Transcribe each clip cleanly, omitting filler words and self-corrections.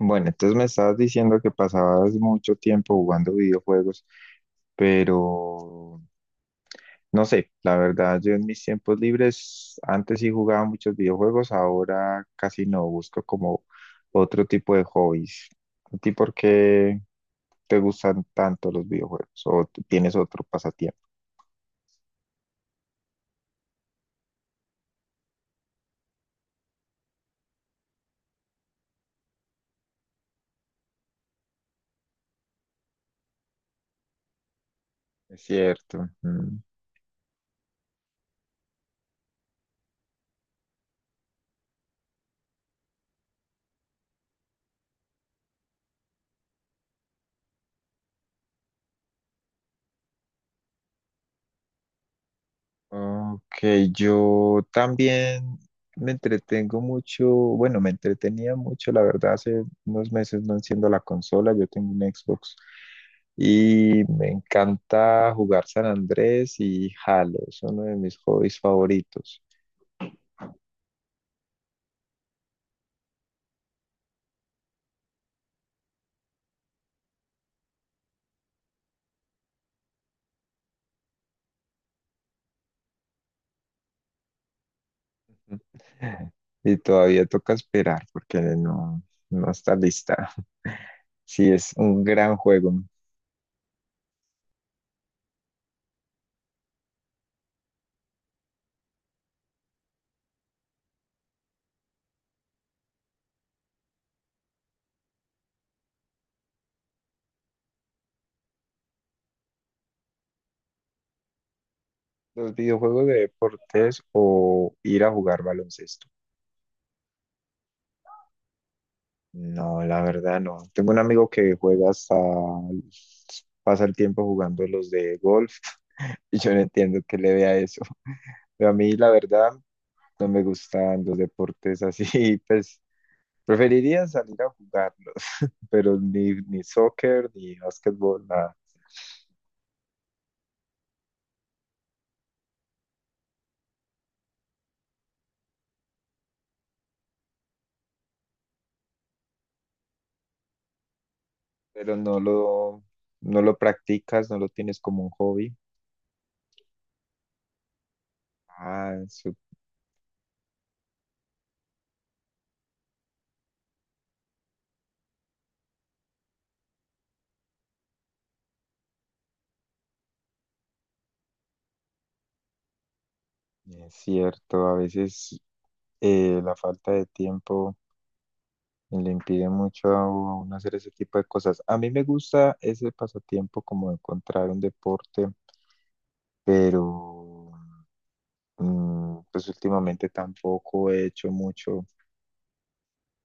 Bueno, entonces me estabas diciendo que pasabas mucho tiempo jugando videojuegos, pero no sé, la verdad, yo en mis tiempos libres antes sí jugaba muchos videojuegos, ahora casi no, busco como otro tipo de hobbies. ¿A ti por qué te gustan tanto los videojuegos o tienes otro pasatiempo? Es cierto. Ok, yo también me entretengo mucho, bueno, me entretenía mucho, la verdad, hace unos meses no enciendo la consola, yo tengo un Xbox y me encanta jugar San Andrés y Halo, es uno de mis hobbies favoritos. Y todavía toca esperar porque no, no está lista. Sí, es un gran juego. Los videojuegos de deportes o ir a jugar baloncesto. No, la verdad no. Tengo un amigo que juega hasta, pasa el tiempo jugando los de golf y yo no entiendo que le vea eso. Pero a mí la verdad no me gustan los deportes así, pues preferiría salir a jugarlos, pero ni soccer, ni básquetbol, nada. Pero no lo practicas, no lo tienes como un hobby. Ah, eso es cierto. A veces la falta de tiempo le impide mucho a uno hacer ese tipo de cosas. A mí me gusta ese pasatiempo como de encontrar un deporte, pero pues últimamente tampoco he hecho mucho.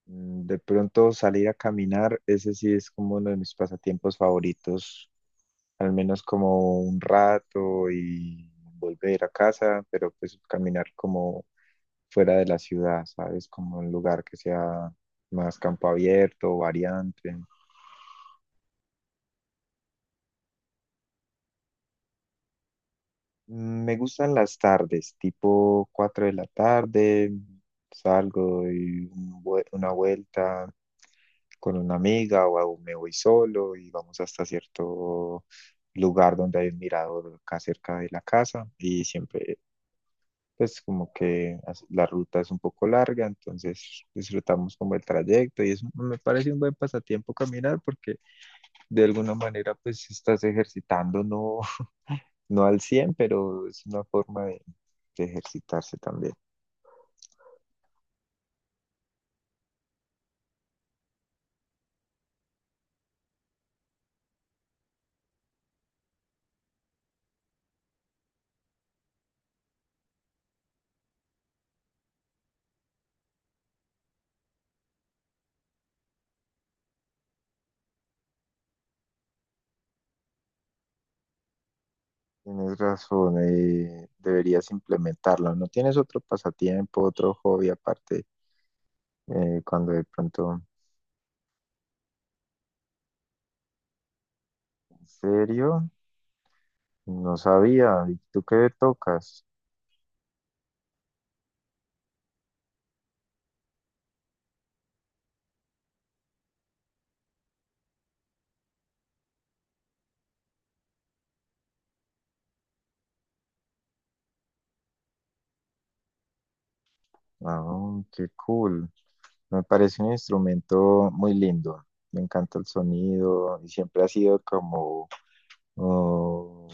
De pronto salir a caminar, ese sí es como uno de mis pasatiempos favoritos, al menos como un rato y volver a casa, pero pues caminar como fuera de la ciudad, ¿sabes? Como un lugar que sea más campo abierto, variante. Me gustan las tardes, tipo 4 de la tarde, salgo y una vuelta con una amiga o aún me voy solo y vamos hasta cierto lugar donde hay un mirador acá cerca de la casa y siempre pues como que la ruta es un poco larga, entonces disfrutamos como el trayecto y es, me parece un buen pasatiempo caminar porque de alguna manera pues estás ejercitando, ¿no? No al cien, pero es una forma de ejercitarse también. Tienes razón, deberías implementarlo. ¿No tienes otro pasatiempo, otro hobby aparte? ¿Cuando de pronto, en serio? No sabía. ¿Y tú qué tocas? Ah, qué cool. Me parece un instrumento muy lindo. Me encanta el sonido y siempre ha sido como oh,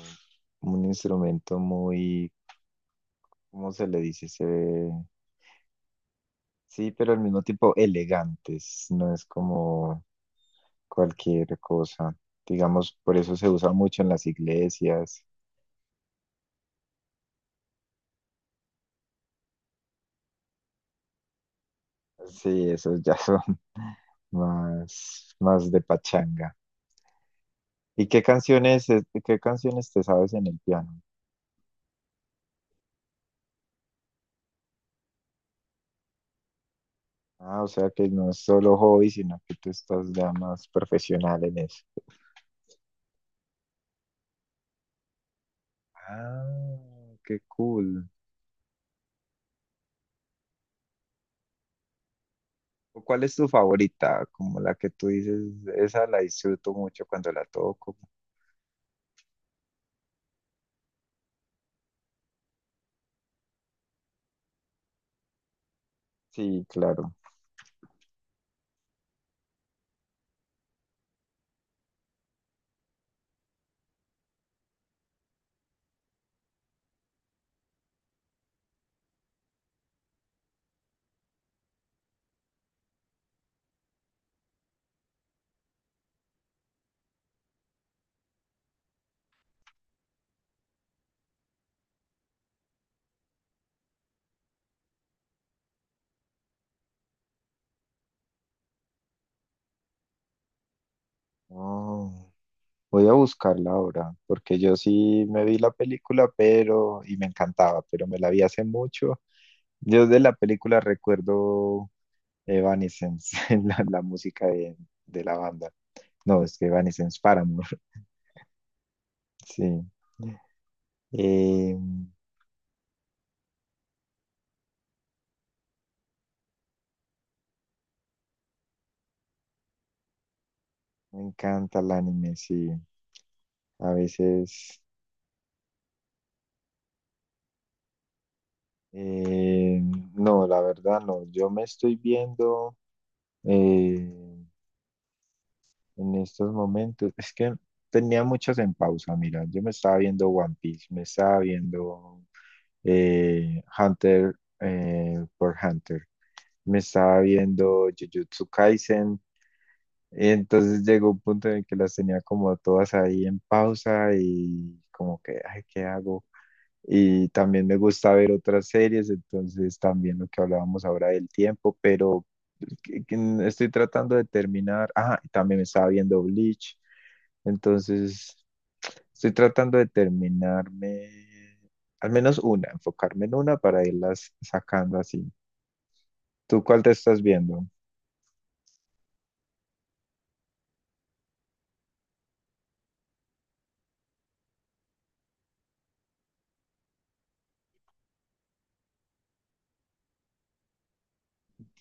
un instrumento muy, ¿cómo se le dice? Se, sí, pero al mismo tiempo elegantes, no es como cualquier cosa. Digamos, por eso se usa mucho en las iglesias. Sí, esos ya son más de pachanga. ¿Y qué canciones te sabes en el piano? Ah, o sea que no es solo hobby, sino que tú estás ya más profesional en eso. Ah, qué cool. ¿O ¿Cuál es tu favorita? Como la que tú dices, esa la disfruto mucho cuando la toco. Sí, claro. Oh. Voy a buscarla ahora, porque yo sí me vi la película, y me encantaba, pero me la vi hace mucho. Yo de la película recuerdo Evanescence, la música de la banda. No, es que Evanescence Paramore, sí. Eh, me encanta el anime, sí. A veces, eh, no, la verdad no. Yo me estoy viendo eh, en estos momentos. Es que tenía muchas en pausa, mira, yo me estaba viendo One Piece, me estaba viendo Hunter por Hunter, me estaba viendo Jujutsu Kaisen, y entonces llegó un punto en el que las tenía como todas ahí en pausa y como que, ay, ¿qué hago? Y también me gusta ver otras series, entonces también lo que hablábamos ahora del tiempo, pero que estoy tratando de terminar. Ah, y también me estaba viendo Bleach, entonces estoy tratando de terminarme al menos una, enfocarme en una para irlas sacando así. ¿Tú cuál te estás viendo?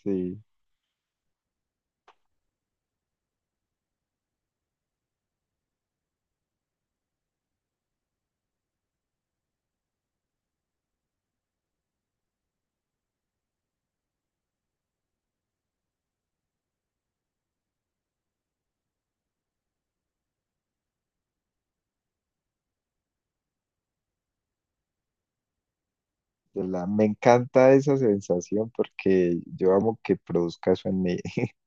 Sí, de la, me encanta esa sensación porque yo amo que produzca eso en mí.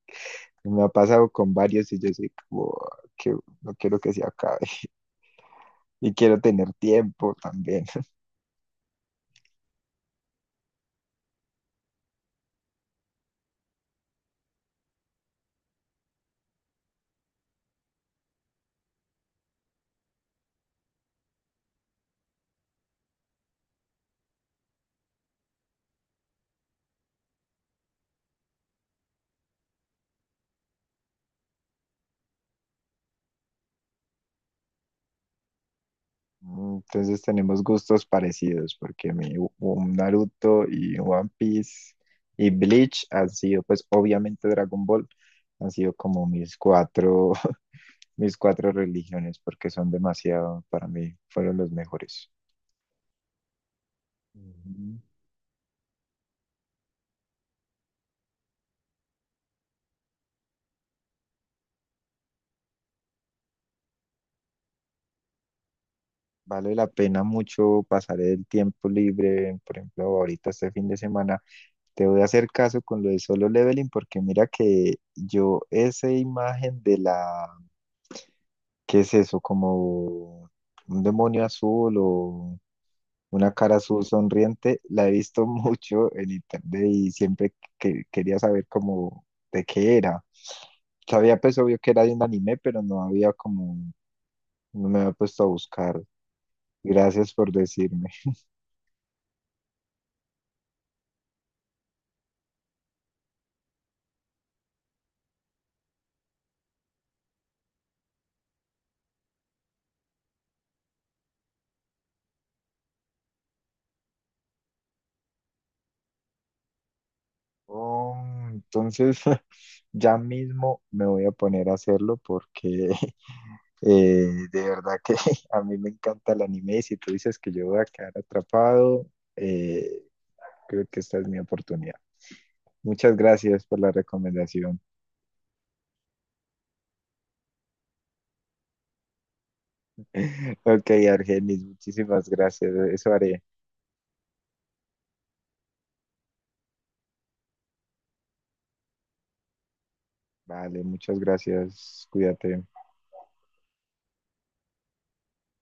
Me ha pasado con varios y yo soy como, que no quiero que se acabe, y quiero tener tiempo también. Entonces tenemos gustos parecidos porque mi un Naruto y One Piece y Bleach han sido, pues obviamente Dragon Ball, han sido como mis cuatro, mis cuatro religiones porque son demasiado, para mí fueron los mejores. Ujú. Vale la pena mucho pasar el tiempo libre, por ejemplo, ahorita este fin de semana. Te voy a hacer caso con lo de Solo Leveling porque mira que yo esa imagen de la, ¿qué es eso? ¿Como un demonio azul o una cara azul sonriente? La he visto mucho en internet y siempre que quería saber cómo, de qué era. Sabía pues obvio que era de un anime, pero no había como, no me había puesto a buscar. Gracias por decirme. Oh, entonces ya mismo me voy a poner a hacerlo porque de verdad que a mí me encanta el anime y si tú dices que yo voy a quedar atrapado, eh, creo que esta es mi oportunidad. Muchas gracias por la recomendación. Ok, Argenis, muchísimas gracias. Eso haré. Vale, muchas gracias. Cuídate.